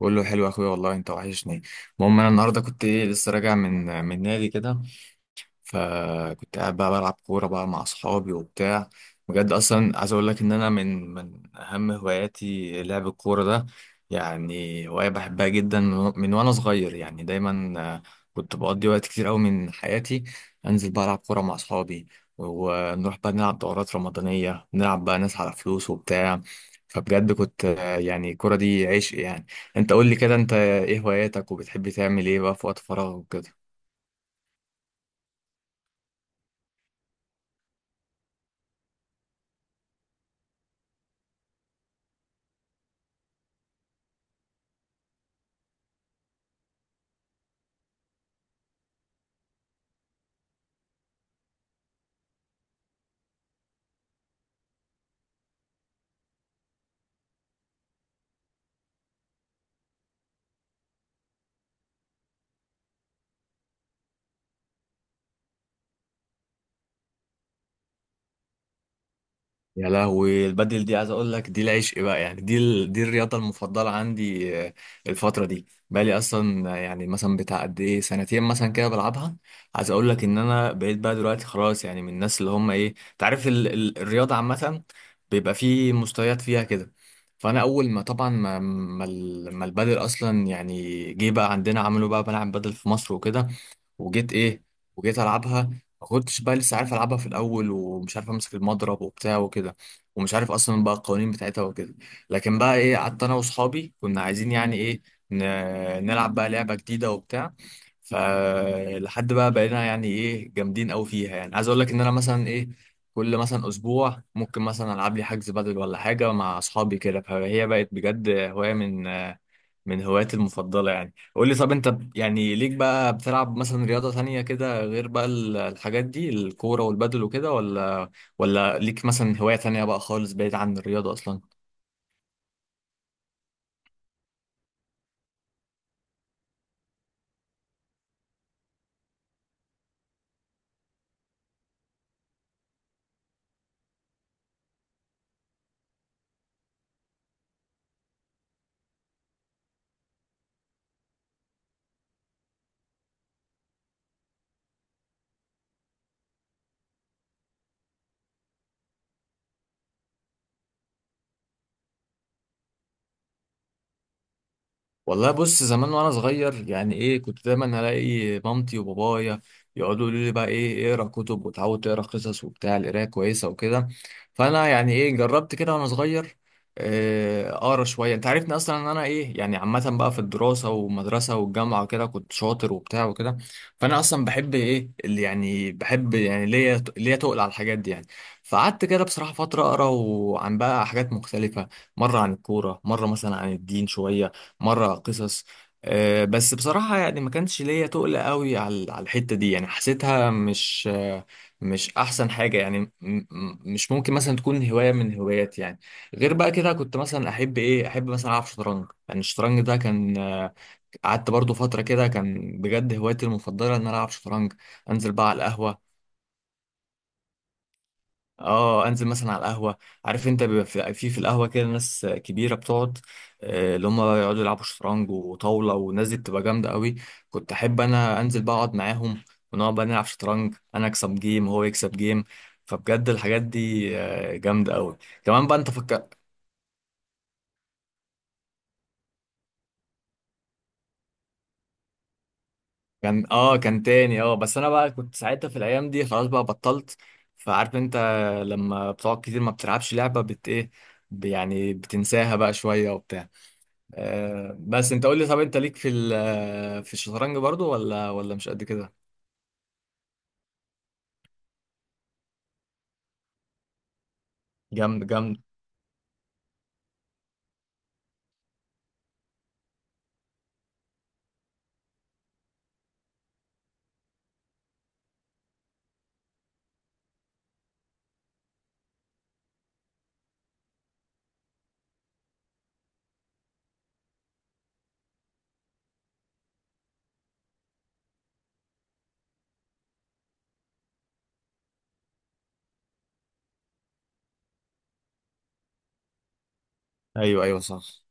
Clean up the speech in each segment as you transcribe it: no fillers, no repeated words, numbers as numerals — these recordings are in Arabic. بقول له حلو يا اخويا، والله انت وحشني. المهم انا النهارده كنت ايه لسه راجع من نادي كده. فكنت قاعد بقى بلعب كورة بقى مع أصحابي وبتاع. بجد أصلا عايز أقول لك إن أنا من أهم هواياتي لعب الكورة ده. يعني هواية بحبها جدا من وأنا صغير، يعني دايما. كنت بقضي وقت كتير أوي من حياتي، أنزل بقى ألعب كورة مع أصحابي، ونروح بقى نلعب دورات رمضانية، نلعب بقى ناس على فلوس وبتاع. فبجد كنت يعني الكورة دي عشق يعني. أنت قول لي كده، أنت إيه هواياتك، وبتحب تعمل إيه بقى في وقت فراغك وكده؟ يا لهوي، البدل دي عايز اقول لك دي العشق بقى يعني، دي الرياضه المفضله عندي. الفتره دي بقالي اصلا، يعني مثلا بتاع قد ايه سنتين مثلا كده بلعبها. عايز اقول لك ان انا بقيت بقى دلوقتي خلاص، يعني من الناس اللي هم ايه، تعرف الرياضه عامه بيبقى فيه مستويات فيها كده. فانا اول ما طبعا ما البدل اصلا يعني جه بقى عندنا، عملوا بقى ملعب بدل في مصر وكده، وجيت ايه، وجيت العبها. ما كنتش بقى لسه عارف العبها في الاول، ومش عارف امسك المضرب وبتاع وكده، ومش عارف اصلا بقى القوانين بتاعتها وكده. لكن بقى ايه، قعدت انا واصحابي كنا عايزين يعني ايه نلعب بقى لعبه جديده وبتاع. فلحد بقى بقينا يعني ايه جامدين قوي فيها، يعني عايز اقول لك ان انا مثلا ايه، كل مثلا اسبوع ممكن مثلا العب لي حجز بدل ولا حاجه مع اصحابي كده، فهي بقت بجد هوايه من هواياتي المفضله يعني. قول لي طب، انت يعني ليك بقى بتلعب مثلا رياضة تانية كده غير بقى الحاجات دي، الكورة والبدل وكده ولا ليك مثلا هواية تانية بقى خالص بعيد عن الرياضة اصلا؟ والله بص، زمان وانا صغير يعني ايه، كنت دايما الاقي مامتي وبابايا يقعدوا يقولوا لي بقى ايه اقرا كتب، وتعود تقرا قصص وبتاع، القرايه كويسه وكده. فانا يعني ايه جربت كده وانا صغير، اقرا شويه. انت عارفني اصلا ان انا ايه، يعني عامه بقى في الدراسه والمدرسه والجامعه وكده كنت شاطر وبتاع وكده. فانا اصلا بحب ايه اللي يعني بحب، يعني ليا تقل على الحاجات دي يعني. فقعدت كده بصراحه فتره اقرا، وعن بقى حاجات مختلفه، مره عن الكوره، مره مثلا عن الدين شويه، مرة قصص. بس بصراحة يعني ما كانش ليا تقل قوي على الحتة دي، يعني حسيتها مش مش أحسن حاجة يعني، مش ممكن مثلا تكون هواية من هواياتي يعني. غير بقى كده، كنت مثلا أحب إيه، أحب مثلا ألعب شطرنج. يعني الشطرنج ده كان قعدت برضو فترة كده كان بجد هوايتي المفضلة إن أنا ألعب شطرنج. أنزل بقى على القهوة، اه انزل مثلا على القهوه. عارف انت، بيبقى في القهوه كده ناس كبيره بتقعد، اللي هم يقعدوا يلعبوا شطرنج وطاوله، والناس دي بتبقى جامده قوي. كنت احب انا انزل بقى اقعد معاهم، ونقعد بقى نلعب شطرنج، انا اكسب جيم وهو يكسب جيم. فبجد الحاجات دي جامده قوي. كمان بقى انت فكر. كان تاني، بس انا بقى كنت ساعتها في الايام دي خلاص بقى بطلت. فعارف انت، لما بتقعد كتير ما بتلعبش لعبه بت ايه، يعني بتنساها بقى شويه وبتاع. بس انت قول لي طب، انت ليك في في الشطرنج برضو، ولا مش قد كده؟ جامد جامد. ايوه ايوه صح.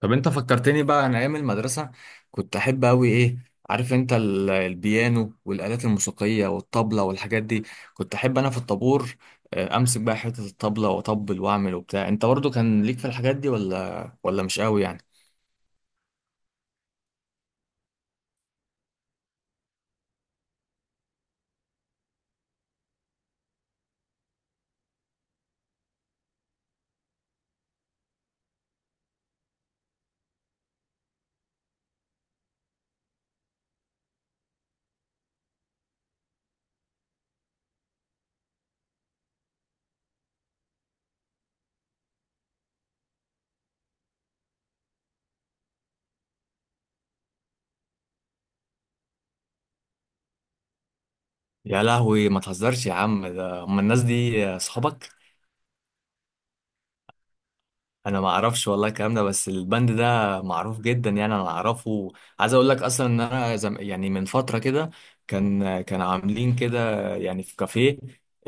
طب انت فكرتني بقى انا ايام المدرسه، كنت احب قوي ايه. عارف انت البيانو والالات الموسيقيه والطبله والحاجات دي. كنت احب انا في الطابور امسك بقى حته الطبله واطبل واعمل وبتاع. انت برضو كان ليك في الحاجات دي ولا مش قوي يعني؟ يا لهوي، ما تهزرش يا عم، ده هم الناس دي صحابك؟ انا ما اعرفش والله الكلام ده، بس البند ده معروف جدا يعني، انا اعرفه. عايز اقول لك اصلا ان انا يعني من فتره كده كان عاملين كده يعني في كافيه،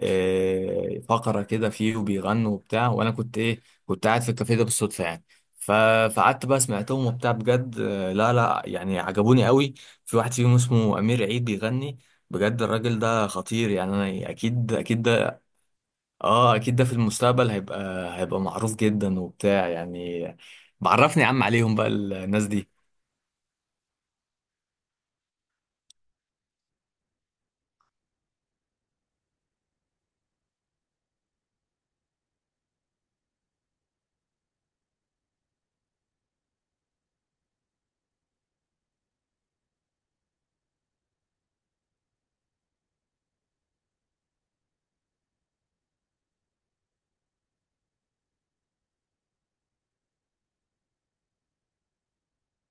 فقره كده فيه وبيغنوا وبتاع. وانا كنت ايه، كنت قاعد في الكافيه ده بالصدفه يعني. ف... فقعدت بقى سمعتهم وبتاع بجد، لا لا، يعني عجبوني قوي. في واحد فيهم اسمه امير عيد بيغني، بجد الراجل ده خطير يعني. انا اكيد اكيد ده، اه اكيد ده في المستقبل هيبقى معروف جدا وبتاع يعني. بعرفني يا عم عليهم بقى الناس دي.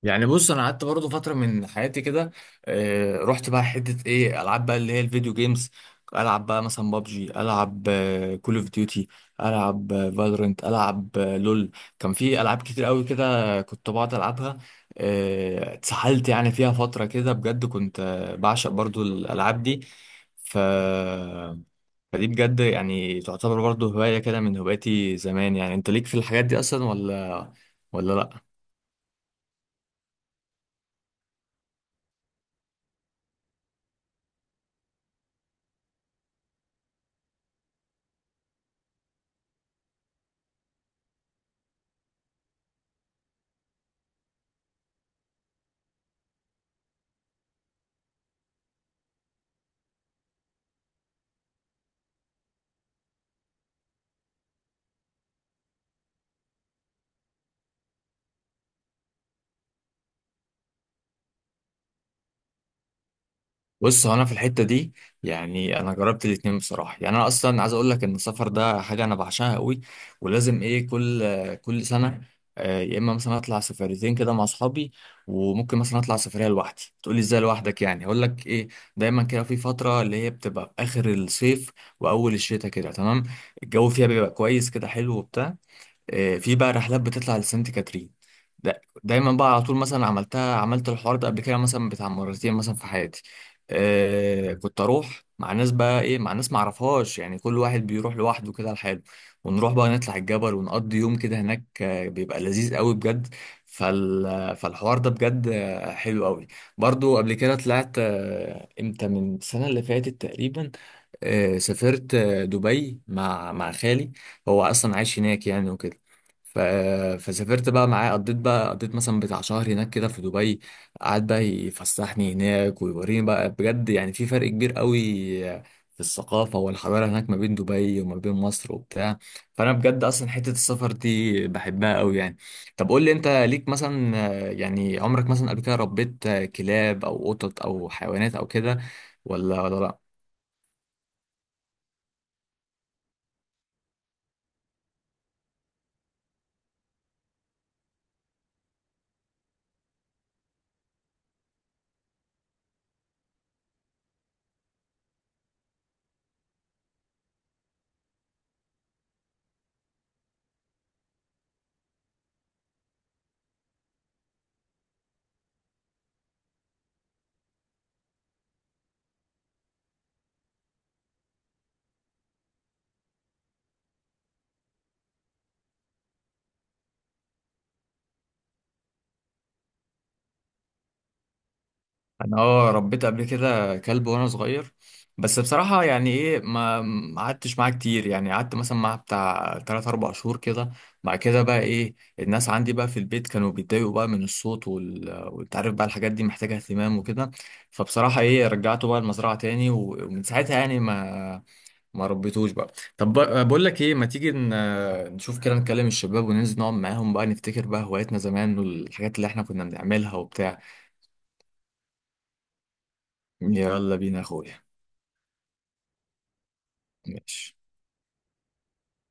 يعني بص، انا قعدت برضه فتره من حياتي كده، رحت بقى حته ايه العاب بقى اللي هي الفيديو جيمز. العب بقى مثلا بابجي، العب كول اوف ديوتي، العب فالورنت، العب لول. كان في العاب كتير قوي كده كنت بقعد العبها. اتسحلت يعني فيها فتره كده بجد، كنت بعشق برضه الالعاب دي. ف فدي بجد يعني تعتبر برضه هوايه كده من هواياتي زمان يعني. انت ليك في الحاجات دي اصلا ولا لا؟ بص، هو انا في الحته دي يعني انا جربت الاتنين بصراحه يعني. انا اصلا عايز اقول لك ان السفر ده حاجه انا بعشقها قوي، ولازم ايه كل سنه يا اما مثلا اطلع سفريتين كده مع اصحابي، وممكن مثلا اطلع سفريه لوحدي. تقولي ازاي لوحدك؟ يعني هقول لك ايه، دايما كده في فتره اللي هي بتبقى في اخر الصيف واول الشتاء كده تمام، الجو فيها بيبقى كويس كده حلو وبتاع. في بقى رحلات بتطلع لسانت كاترين، دايما بقى على طول، مثلا عملتها، عملت الحوار ده قبل كده مثلا بتاع مرتين مثلا في حياتي. كنت اروح مع ناس بقى ايه، مع ناس معرفهاش يعني، كل واحد بيروح لوحده كده لحاله. ونروح بقى نطلع الجبل ونقضي يوم كده هناك، بيبقى لذيذ قوي بجد. فالحوار ده بجد حلو قوي. برضو قبل كده طلعت امتى من السنة اللي فاتت تقريبا، سافرت دبي مع خالي. هو اصلا عايش هناك يعني وكده. ف... فسافرت بقى معاه، قضيت بقى مثلا بتاع شهر هناك كده في دبي. قعد بقى يفسحني هناك ويوريني بقى، بجد يعني في فرق كبير قوي في الثقافة والحضارة هناك ما بين دبي وما بين مصر وبتاع. فأنا بجد أصلا حتة السفر دي بحبها قوي يعني. طب قول لي، أنت ليك مثلا يعني عمرك مثلا قبل كده ربيت كلاب أو قطط أو حيوانات أو كده، ولا لأ؟ انا اه ربيت قبل كده كلب وانا صغير، بس بصراحة يعني ايه ما قعدتش معاه كتير. يعني قعدت مثلا معاه بتاع 3 4 شهور كده. بعد كده بقى ايه، الناس عندي بقى في البيت كانوا بيتضايقوا بقى من الصوت وانت عارف بقى الحاجات دي محتاجة اهتمام وكده. فبصراحة ايه رجعته بقى المزرعة تاني، ومن ساعتها يعني ما ربيتوش بقى. طب بقول لك ايه، ما تيجي نشوف كده، نكلم الشباب وننزل نقعد معاهم بقى، نفتكر بقى هواياتنا زمان والحاجات اللي احنا كنا بنعملها وبتاع. يلا بينا يا اخويا. ماشي.